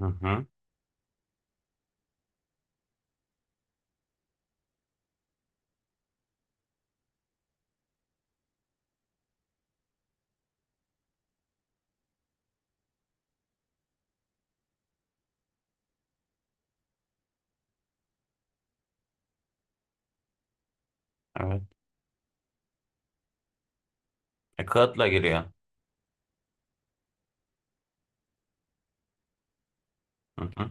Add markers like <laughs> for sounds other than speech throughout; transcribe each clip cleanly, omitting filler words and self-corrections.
Hı hı. Evet. Kağıtla giriyor. Hı hı.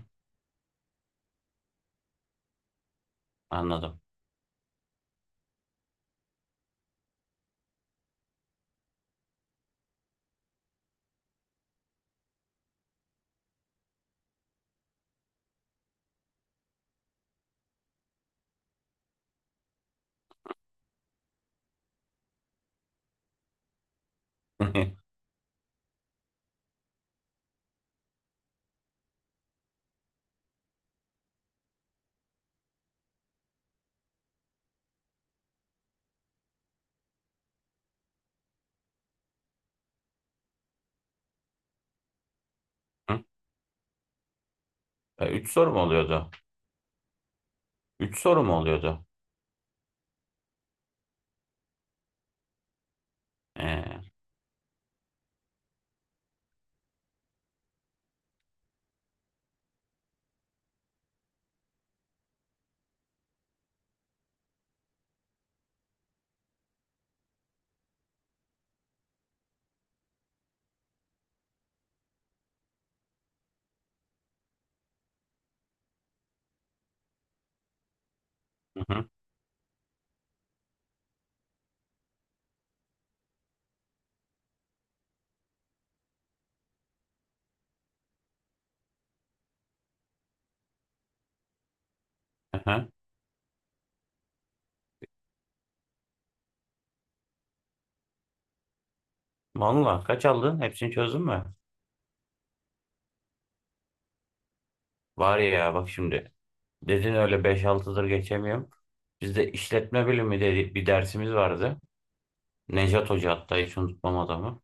Anladım. <laughs> Hı. Üç soru mu oluyordu? Üç soru mu oluyordu? E, hı hı. Hı hı. Vallahi kaç aldın? Hepsini çözdün mü? Var ya bak şimdi. Dedin öyle beş 6'dır geçemiyorum. Bizde işletme bilimi dedi, bir dersimiz vardı. Nejat Hoca hatta hiç unutmam adamı.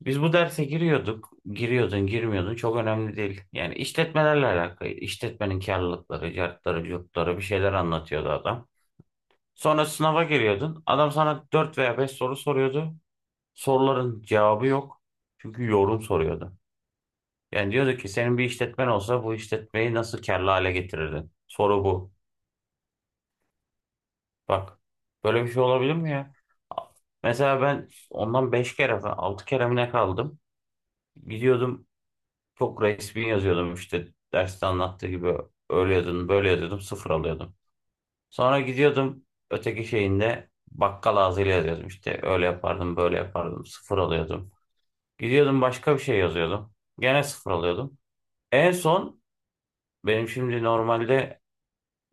Biz bu derse giriyorduk. Giriyordun, girmiyordun. Çok önemli değil. Yani işletmelerle alakalı. İşletmenin karlılıkları, cartları, curtları bir şeyler anlatıyordu adam. Sonra sınava giriyordun. Adam sana 4 veya 5 soru soruyordu. Soruların cevabı yok. Çünkü yorum soruyordu. Yani diyordu ki senin bir işletmen olsa bu işletmeyi nasıl karlı hale getirirdin? Soru bu. Bak böyle bir şey olabilir mi ya? A- Mesela ben ondan 5 kere falan 6 kere mi ne kaldım? Gidiyordum, çok resmi yazıyordum işte derste anlattığı gibi, öyle yazıyordum böyle yazıyordum, sıfır alıyordum. Sonra gidiyordum öteki şeyinde bakkal ağzıyla yazıyordum, işte öyle yapardım böyle yapardım, sıfır alıyordum. Gidiyordum başka bir şey yazıyordum, gene sıfır alıyordum. En son benim şimdi normalde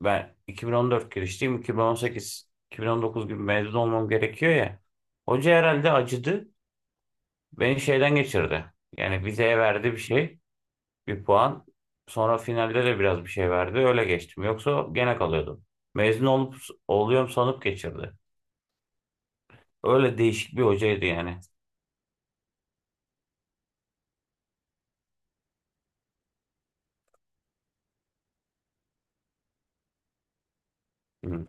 ben 2014 girişliyim, 2018 2019 gibi mezun olmam gerekiyor ya. Hoca herhalde acıdı, beni şeyden geçirdi. Yani vizeye verdi bir şey, bir puan, sonra finalde de biraz bir şey verdi, öyle geçtim, yoksa gene kalıyordum. Mezun olup oluyorum sanıp geçirdi. Öyle değişik bir hocaydı yani. Hı.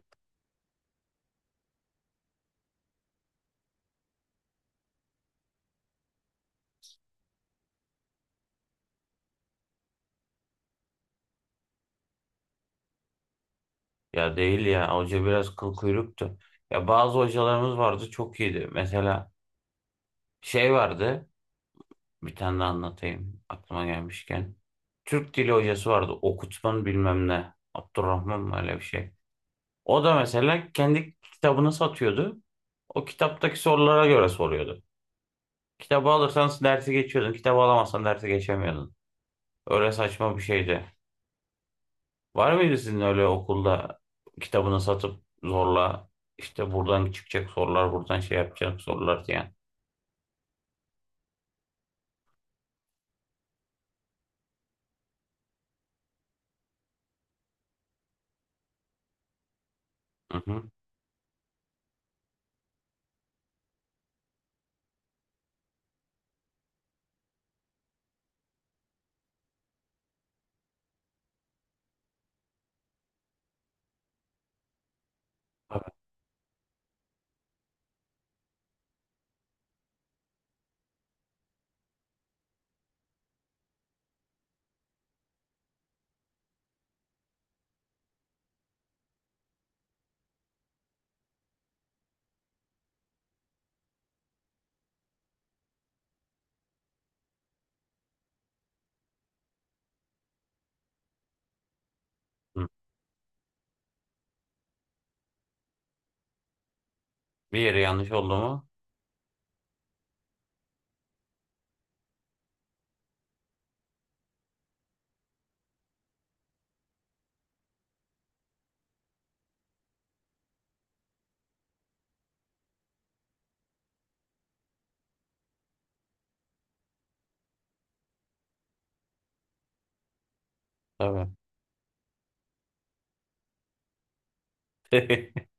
Ya değil ya, hoca biraz kıl kuyruktu. Ya bazı hocalarımız vardı çok iyiydi. Mesela şey vardı, bir tane de anlatayım aklıma gelmişken. Türk dili hocası vardı, okutman bilmem ne. Abdurrahman mı öyle bir şey. O da mesela kendi kitabını satıyordu. O kitaptaki sorulara göre soruyordu. Kitabı alırsan dersi geçiyordun. Kitabı alamazsan dersi geçemiyordun. Öyle saçma bir şeydi. Var mıydı sizin öyle okulda, kitabını satıp zorla işte buradan çıkacak sorular, buradan şey yapacak sorular diyen? Hı hı. Tabii. Hı. Bir yere yanlış oldu mu? Tabii. <laughs>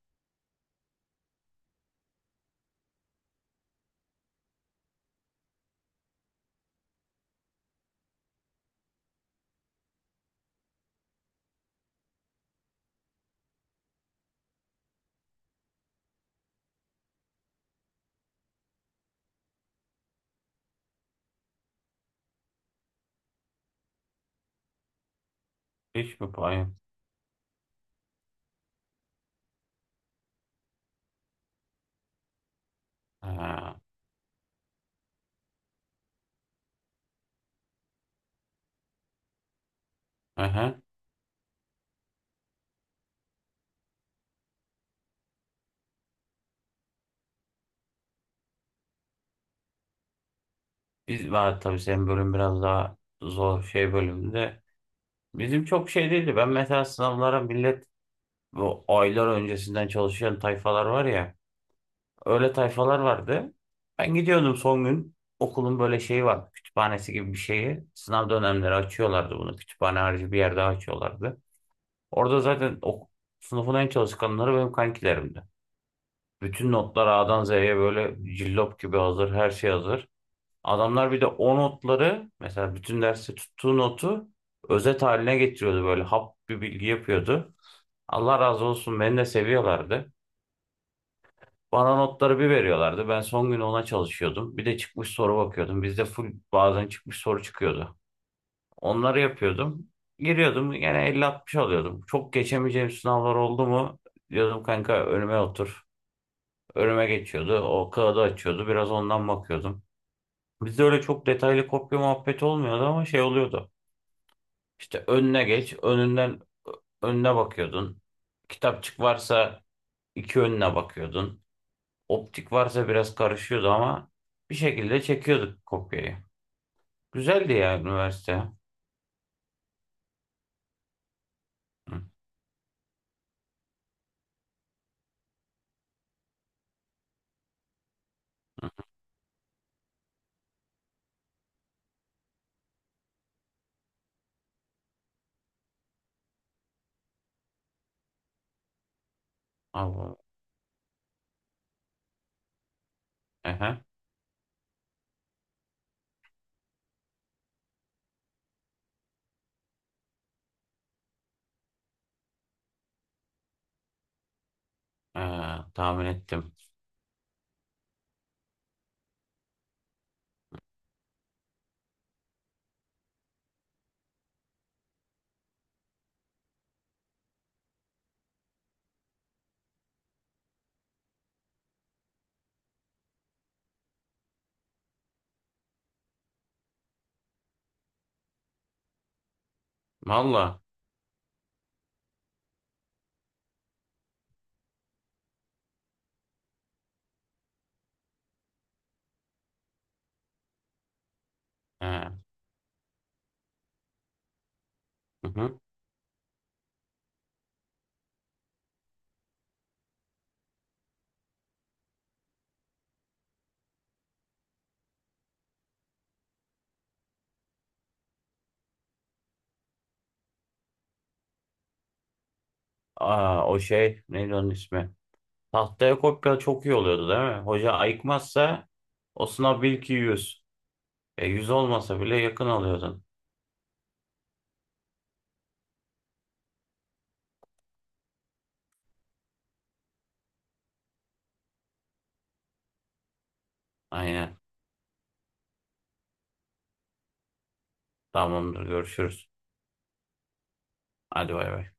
Hiç mi payım? Ha. Hı. Biz var tabii, senin bölüm biraz daha zor şey bölümünde. Bizim çok şey değildi. Ben mesela sınavlara, millet bu aylar öncesinden çalışan tayfalar var ya. Öyle tayfalar vardı. Ben gidiyordum son gün. Okulun böyle şeyi vardı. Kütüphanesi gibi bir şeyi. Sınav dönemleri açıyorlardı bunu. Kütüphane harici bir yerde açıyorlardı. Orada zaten o sınıfın en çalışkanları benim kankilerimdi. Bütün notlar A'dan Z'ye böyle cillop gibi hazır. Her şey hazır. Adamlar bir de o notları, mesela bütün dersi tuttuğu notu özet haline getiriyordu, böyle hap bir bilgi yapıyordu. Allah razı olsun, beni de seviyorlardı. Bana notları bir veriyorlardı. Ben son gün ona çalışıyordum. Bir de çıkmış soru bakıyordum. Bizde full bazen çıkmış soru çıkıyordu. Onları yapıyordum. Giriyordum, gene 50 60 alıyordum. Çok geçemeyeceğim sınavlar oldu mu? Diyordum kanka önüme otur. Önüme geçiyordu. O kağıdı açıyordu. Biraz ondan bakıyordum. Bizde öyle çok detaylı kopya muhabbeti olmuyordu ama şey oluyordu. İşte önüne geç. Önünden önüne bakıyordun. Kitapçık varsa iki, önüne bakıyordun. Optik varsa biraz karışıyordu ama bir şekilde çekiyorduk kopyayı. Güzeldi ya üniversite. Hı. Allah. Ehe. Ee, Tahmin ettim. Valla. Ee, hı hı. Aa, o şey neydi onun ismi? Tahtaya kopya çok iyi oluyordu değil mi? Hoca ayıkmazsa o sınav bil ki 100. 100 olmasa bile yakın alıyordun. Aynen. Tamamdır görüşürüz. Hadi bay bay.